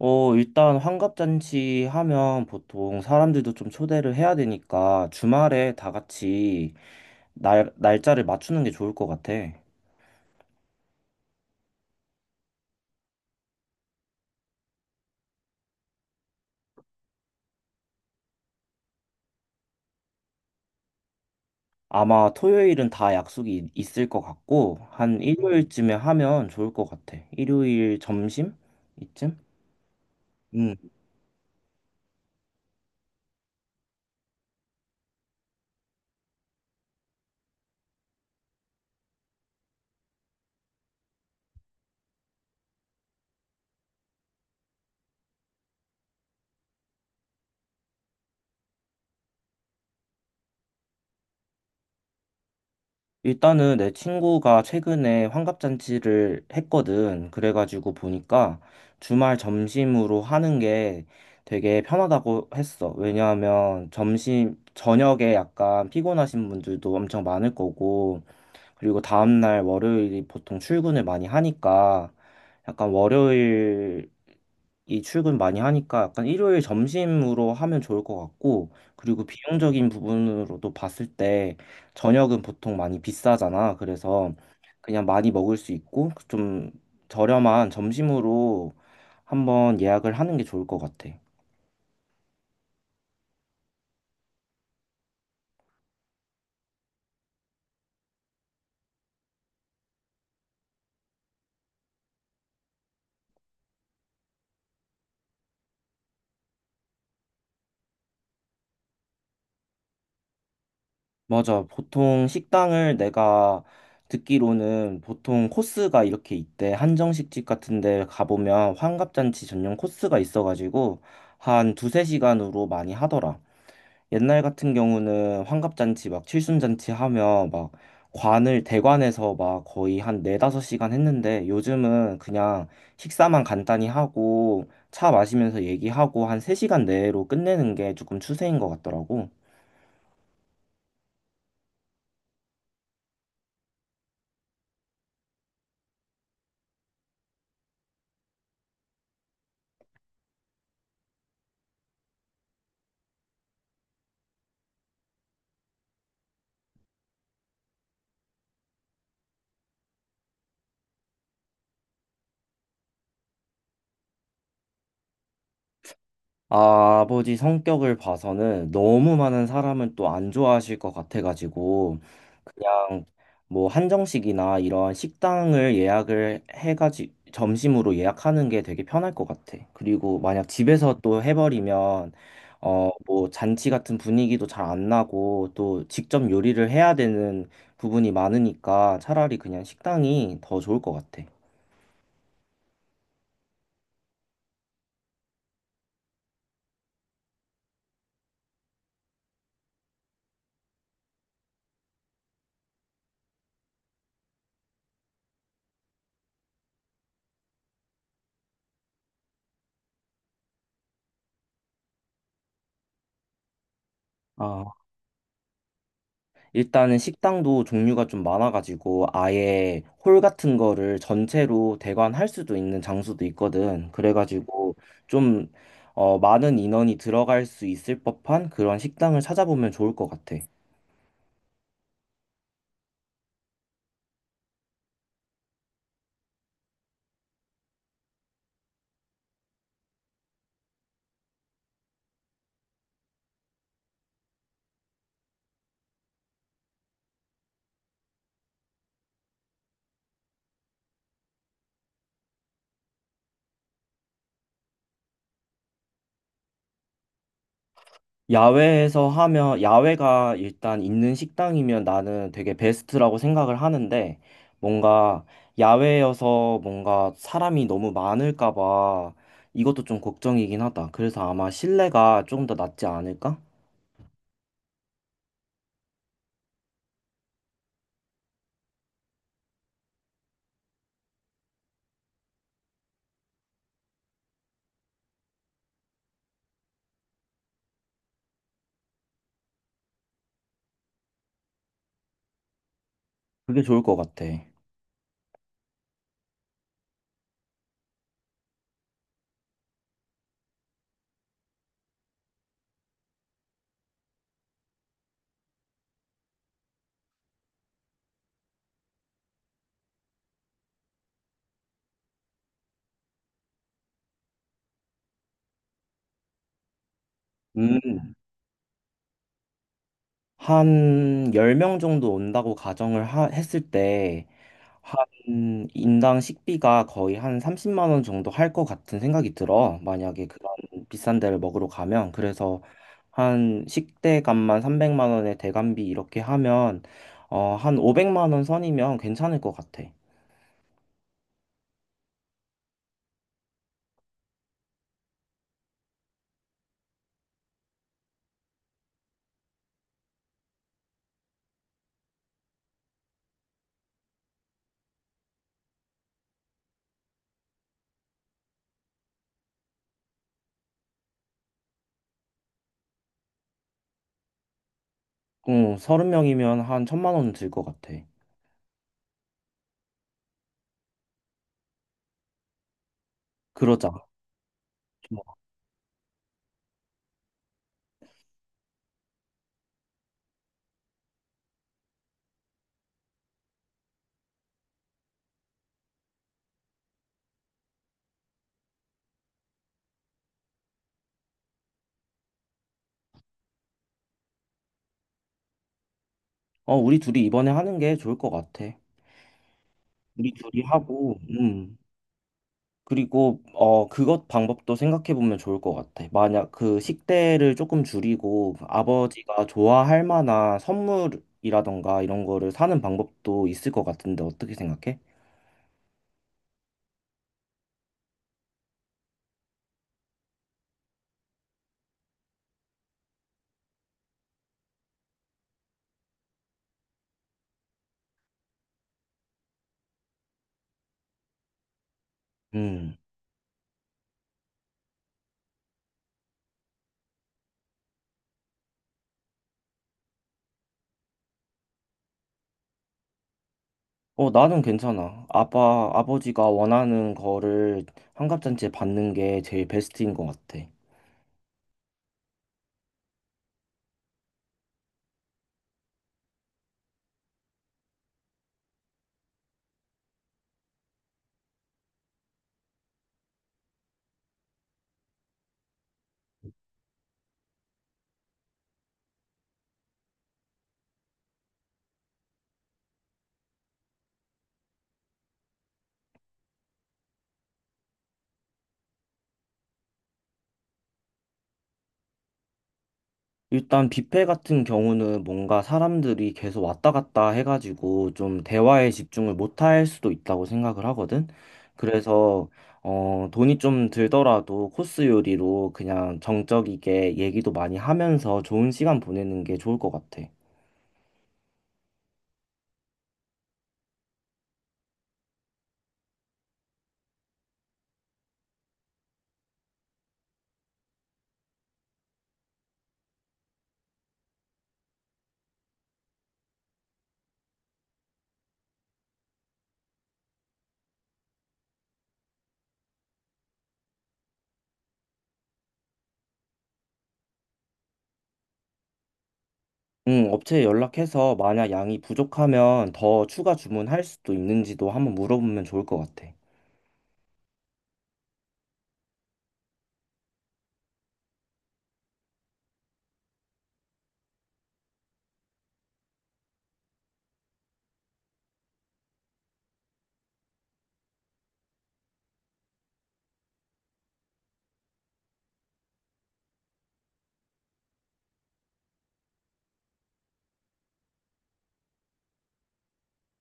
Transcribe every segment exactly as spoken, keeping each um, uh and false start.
어, 일단 환갑잔치 하면 보통 사람들도 좀 초대를 해야 되니까 주말에 다 같이 날, 날짜를 맞추는 게 좋을 것 같아. 아마 토요일은 다 약속이 있- 있을 것 같고, 한 음. 일요일쯤에 하면 좋을 것 같아. 일요일 점심? 이쯤? 음. 일단은 내 친구가 최근에 환갑잔치를 했거든. 그래가지고 보니까 주말 점심으로 하는 게 되게 편하다고 했어. 왜냐하면 점심, 저녁에 약간 피곤하신 분들도 엄청 많을 거고, 그리고 다음날 월요일이 보통 출근을 많이 하니까 약간 월요일 이 출근 많이 하니까 약간 일요일 점심으로 하면 좋을 것 같고, 그리고 비용적인 부분으로도 봤을 때 저녁은 보통 많이 비싸잖아. 그래서 그냥 많이 먹을 수 있고 좀 저렴한 점심으로 한번 예약을 하는 게 좋을 것 같아. 맞아. 보통 식당을 내가 듣기로는 보통 코스가 이렇게 있대. 한정식집 같은 데 가보면 환갑잔치 전용 코스가 있어가지고 한 두세 시간으로 많이 하더라. 옛날 같은 경우는 환갑잔치 막 칠순잔치 하면 막 관을 대관해서 막 거의 한 네다섯 시간 했는데 요즘은 그냥 식사만 간단히 하고 차 마시면서 얘기하고 한 세시간 내로 끝내는 게 조금 추세인 것 같더라고. 아, 버지 성격을 봐서는 너무 많은 사람을 또 안 좋아하실 것 같아가지고 그냥 뭐 한정식이나 이런 식당을 예약을 해가지 점심으로 예약하는 게 되게 편할 것 같아. 그리고 만약 집에서 또 해버리면 어, 뭐 잔치 같은 분위기도 잘 안 나고 또 직접 요리를 해야 되는 부분이 많으니까 차라리 그냥 식당이 더 좋을 것 같아. 아. 일단은 식당도 종류가 좀 많아가지고 아예 홀 같은 거를 전체로 대관할 수도 있는 장소도 있거든. 그래가지고 좀 어, 많은 인원이 들어갈 수 있을 법한 그런 식당을 찾아보면 좋을 것 같아. 야외에서 하면 야외가 일단 있는 식당이면 나는 되게 베스트라고 생각을 하는데 뭔가 야외여서 뭔가 사람이 너무 많을까 봐 이것도 좀 걱정이긴 하다. 그래서 아마 실내가 좀 더 낫지 않을까? 그게 좋을 것 같아. 음, 한 열 명 정도 온다고 가정을 하- 했을 때, 한 인당 식비가 거의 한 삼십만 원 정도 할 것 같은 생각이 들어. 만약에 그런 비싼 데를 먹으러 가면. 그래서 한 식대값만 삼백만 원에 대관비 이렇게 하면, 어, 한 오백만 원 선이면 괜찮을 것 같아. 응, 서른 명이면 한 천만 원 들 것 같아. 그러자. 어, 우리 둘이 이번에 하는 게 좋을 것 같아. 우리 둘이 하고, 음. 그리고 어 그것 방법도 생각해 보면 좋을 것 같아. 만약 그 식대를 조금 줄이고 아버지가 좋아할 만한 선물이라던가 이런 거를 사는 방법도 있을 것 같은데 어떻게 생각해? 음. 어, 나는 괜찮아. 아빠 아버지가 원하는 거를 환갑잔치에 받는 게 제일 베스트인 것 같아. 일단 뷔페 같은 경우는 뭔가 사람들이 계속 왔다 갔다 해가지고 좀 대화에 집중을 못할 수도 있다고 생각을 하거든. 그래서 어, 돈이 좀 들더라도 코스 요리로 그냥 정적이게 얘기도 많이 하면서 좋은 시간 보내는 게 좋을 것 같아. 음, 업체에 연락해서 만약 양이 부족하면 더 추가 주문할 수도 있는지도 한번 물어보면 좋을 것 같아.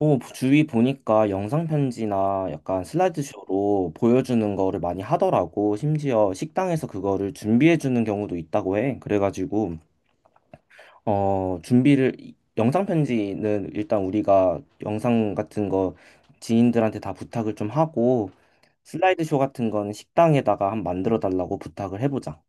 또 주위 보니까 영상 편지나 약간 슬라이드쇼로 보여주는 거를 많이 하더라고. 심지어 식당에서 그거를 준비해 주는 경우도 있다고 해. 그래가지고 어 준비를 영상 편지는 일단 우리가 영상 같은 거 지인들한테 다 부탁을 좀 하고 슬라이드쇼 같은 거는 식당에다가 한 만들어 달라고 부탁을 해보자.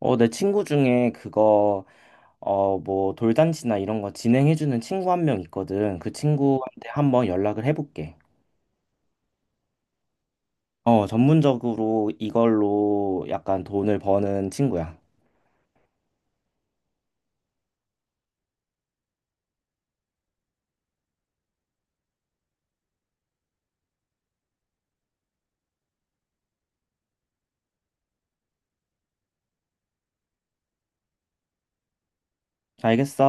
어 내 친구 중에 그거 어 뭐 돌잔치나 이런 거 진행해 주는 친구 한 명 있거든. 그 친구한테 한번 연락을 해볼게. 어, 전문적으로 이걸로 약간 돈을 버는 친구야. 알겠어.